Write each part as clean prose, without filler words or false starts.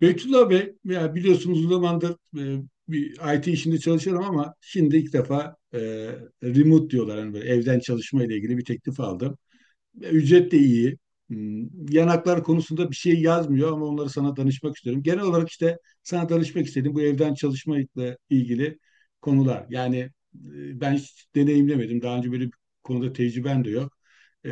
Beytullah Bey, ya biliyorsunuz uzun zamandır bir IT işinde çalışıyorum ama şimdi ilk defa remote diyorlar. Yani böyle evden çalışma ile ilgili bir teklif aldım. Ya, ücret de iyi. Hmm, yanaklar konusunda bir şey yazmıyor ama onları sana danışmak istiyorum. Genel olarak işte sana danışmak istedim bu evden çalışmakla ilgili konular. Yani ben hiç deneyimlemedim. Daha önce böyle bir konuda tecrübem de yok. Ee,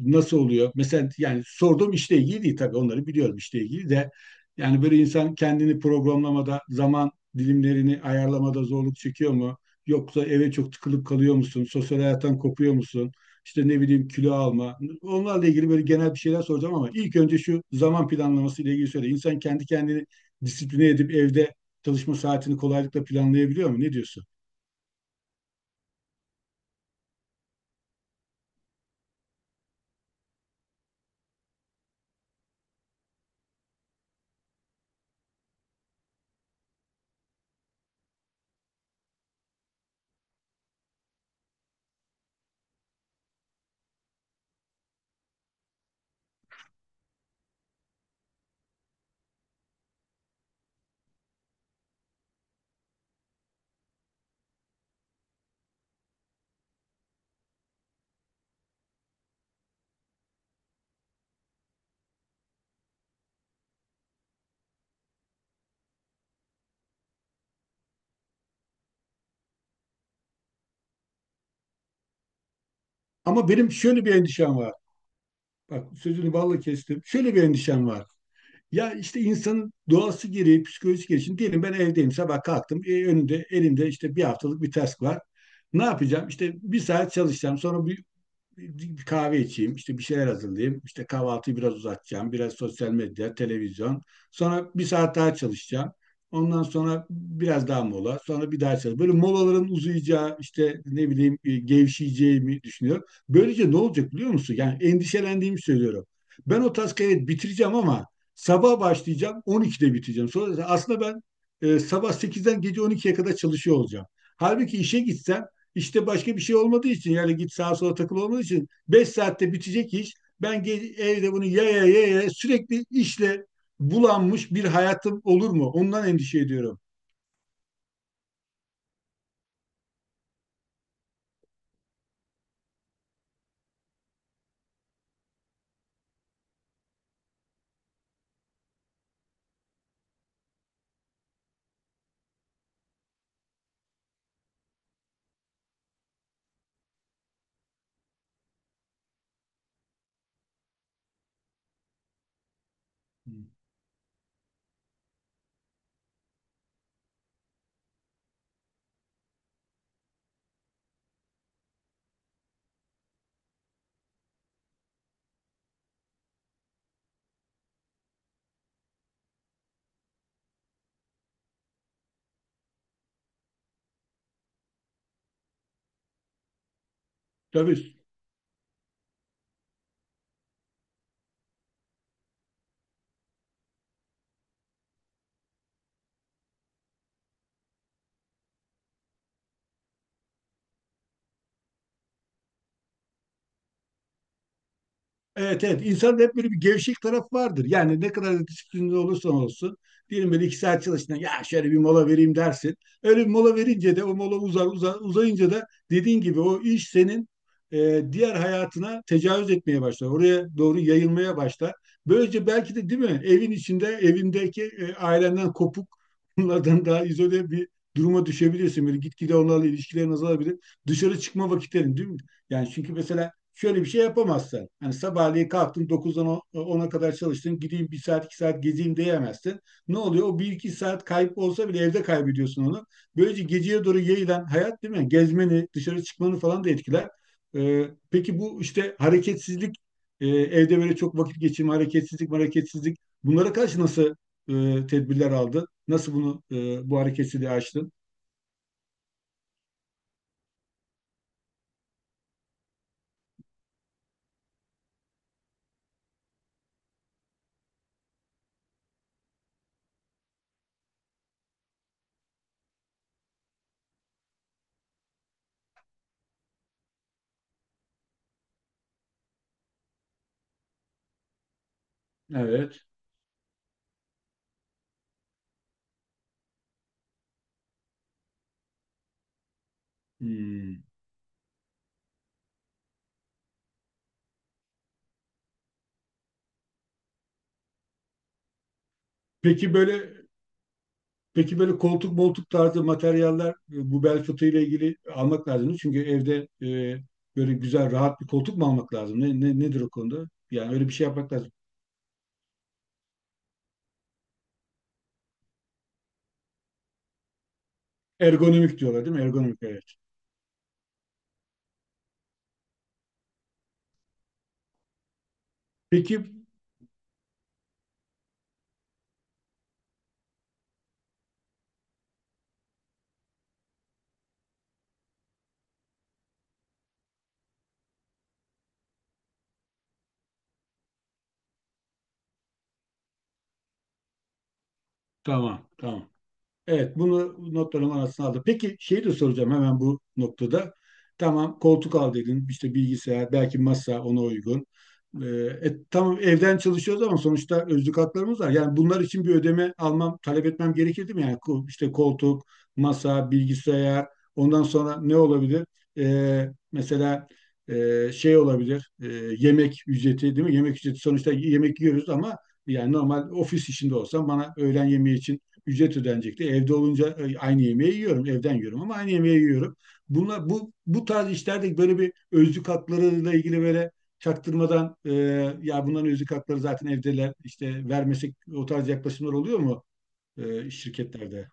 nasıl oluyor? Mesela yani sorduğum işle ilgili değil tabii onları biliyorum işle ilgili de. Yani böyle insan kendini programlamada, zaman dilimlerini ayarlamada zorluk çekiyor mu? Yoksa eve çok tıkılıp kalıyor musun? Sosyal hayattan kopuyor musun? İşte ne bileyim kilo alma. Onlarla ilgili böyle genel bir şeyler soracağım ama ilk önce şu zaman planlaması ile ilgili söyle. İnsan kendi kendini disipline edip evde çalışma saatini kolaylıkla planlayabiliyor mu? Ne diyorsun? Ama benim şöyle bir endişem var. Bak sözünü balla kestim. Şöyle bir endişem var. Ya işte insanın doğası gereği, psikolojisi gereği. Şimdi diyelim ben evdeyim, sabah kalktım. E, önümde, elimde işte bir haftalık bir task var. Ne yapacağım? İşte bir saat çalışacağım. Sonra bir kahve içeyim, işte bir şeyler hazırlayayım, işte kahvaltıyı biraz uzatacağım, biraz sosyal medya, televizyon. Sonra bir saat daha çalışacağım. Ondan sonra biraz daha mola, sonra bir daha çalış. Böyle molaların uzayacağı, işte ne bileyim gevşeyeceğimi düşünüyorum. Böylece ne olacak biliyor musun? Yani endişelendiğimi söylüyorum. Ben o taskı evet bitireceğim ama sabah başlayacağım, 12'de biteceğim. Sonra aslında ben sabah sekizden gece 12'ye kadar çalışıyor olacağım. Halbuki işe gitsem işte başka bir şey olmadığı için yani git sağa sola takıl olmadığı için 5 saatte bitecek iş. Ben evde bunu ya sürekli işle bulanmış bir hayatım olur mu? Ondan endişe ediyorum. Tabii. Evet, evet. İnsanda hep böyle bir gevşek taraf vardır. Yani ne kadar da disiplinli olursan olsun. Diyelim böyle iki saat çalıştın. Ya şöyle bir mola vereyim dersin. Öyle bir mola verince de o mola uzar uzayınca da dediğin gibi o iş senin diğer hayatına tecavüz etmeye başlar. Oraya doğru yayılmaya başlar. Böylece belki de değil mi evin içinde evindeki ailenden kopuk bunlardan daha izole bir duruma düşebilirsin. Böyle gitgide onlarla ilişkilerin azalabilir. Dışarı çıkma vakitlerin değil mi? Yani çünkü mesela şöyle bir şey yapamazsın. Hani sabahleyin kalktın dokuzdan ona kadar çalıştın. Gideyim bir saat iki saat gezeyim diyemezsin. Ne oluyor? O bir iki saat kayıp olsa bile evde kaybediyorsun onu. Böylece geceye doğru yayılan hayat değil mi? Gezmeni, dışarı çıkmanı falan da etkiler. Ee, peki bu işte hareketsizlik, evde böyle çok vakit geçirme, hareketsizlik, hareketsizlik. Bunlara karşı nasıl tedbirler aldın? Nasıl bunu bu hareketsizliği açtın? Evet. Hmm. Peki böyle Peki böyle koltuk moltuk tarzı materyaller bu bel fıtığı ile ilgili almak lazım mı? Çünkü evde e, böyle güzel rahat bir koltuk mu almak lazım? Nedir o konuda? Yani öyle bir şey yapmak lazım. Ergonomik diyorlar değil mi? Ergonomik evet. Peki tamam, tamam. Evet, bunu notlarım arasına aldım. Peki şeyi de soracağım hemen bu noktada. Tamam koltuk al dedin, işte bilgisayar, belki masa ona uygun. Ee, tamam evden çalışıyoruz ama sonuçta özlük haklarımız var. Yani bunlar için bir ödeme almam, talep etmem gerekirdi mi? Yani işte koltuk, masa, bilgisayar, ondan sonra ne olabilir? Mesela şey olabilir, yemek ücreti değil mi? Yemek ücreti sonuçta yemek yiyoruz ama yani normal ofis işinde olsam bana öğlen yemeği için ücret ödenecekti. Evde olunca aynı yemeği yiyorum. Evden yiyorum ama aynı yemeği yiyorum. Bunlar, bu tarz işlerde böyle bir özlük haklarıyla ilgili böyle çaktırmadan ya bunların özlük hakları zaten evdeler işte vermesek o tarz yaklaşımlar oluyor mu şirketlerde?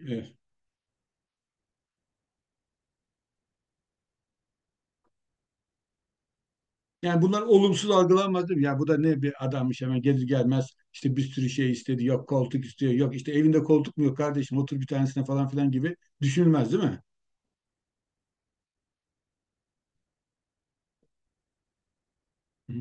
Evet. Yani bunlar olumsuz algılanmaz değil mi? Ya bu da ne bir adammış hemen gelir gelmez işte bir sürü şey istedi yok koltuk istiyor yok işte evinde koltuk mu yok kardeşim otur bir tanesine falan filan gibi düşünülmez değil mi? Hı.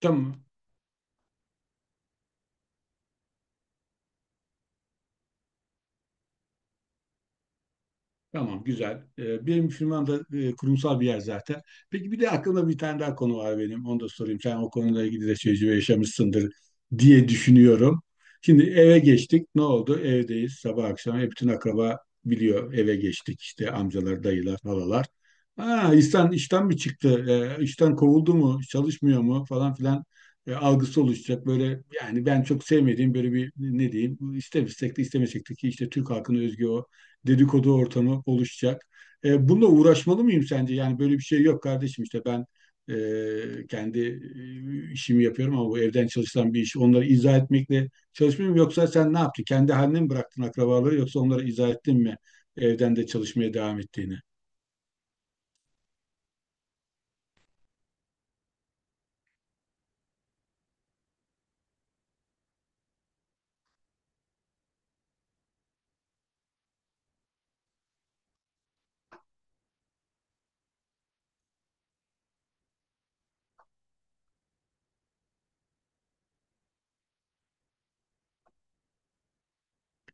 Tamam. Tamam güzel. Benim firmam da kurumsal bir yer zaten. Peki bir de aklımda bir tane daha konu var benim. Onu da sorayım. Sen o konuyla ilgili de tecrübe yaşamışsındır diye düşünüyorum. Şimdi eve geçtik. Ne oldu? Evdeyiz sabah akşam. Hep bütün akraba biliyor eve geçtik. İşte amcalar, dayılar, halalar. Aa, İhsan işten mi çıktı? İşten kovuldu mu? Çalışmıyor mu? Falan filan algısı oluşacak. Böyle yani ben çok sevmediğim böyle bir ne diyeyim istemesek de ki işte Türk halkının özgü o dedikodu ortamı oluşacak. E, bununla uğraşmalı mıyım sence? Yani böyle bir şey yok kardeşim işte ben kendi işimi yapıyorum ama bu evden çalışılan bir iş. Onları izah etmekle çalışmıyorum yoksa sen ne yaptın? Kendi haline mi bıraktın akrabaları yoksa onlara izah ettin mi evden de çalışmaya devam ettiğini?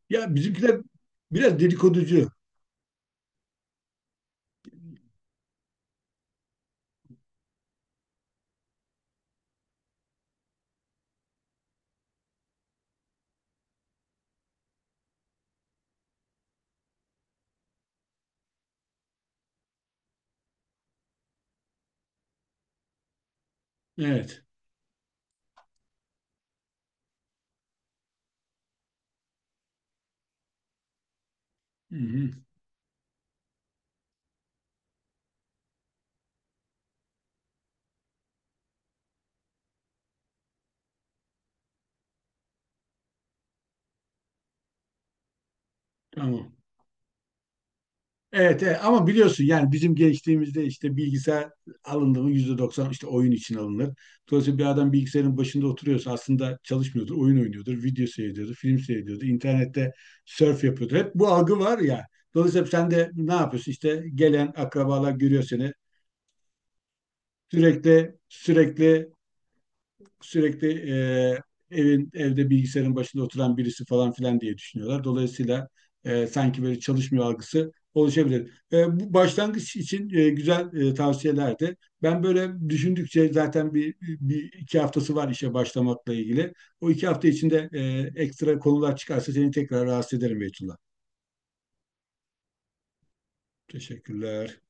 Ya bizimkiler biraz dedikoducu. Evet. Hı hı, tamam. Evet, evet, ama biliyorsun yani bizim gençliğimizde işte bilgisayar alındı mı %90 işte oyun için alınır. Dolayısıyla bir adam bilgisayarın başında oturuyorsa aslında çalışmıyordur, oyun oynuyordur, video seyrediyordur, film seyrediyordur, internette surf yapıyordur. Hep bu algı var ya. Dolayısıyla sen de ne yapıyorsun? İşte gelen akrabalar görüyor seni. Sürekli sürekli sürekli evin evde bilgisayarın başında oturan birisi falan filan diye düşünüyorlar. Dolayısıyla sanki böyle çalışmıyor algısı oluşabilir. E, bu başlangıç için güzel tavsiyelerdi. Ben böyle düşündükçe zaten bir iki haftası var işe başlamakla ilgili. O iki hafta içinde ekstra konular çıkarsa seni tekrar rahatsız ederim Beytullah. Teşekkürler.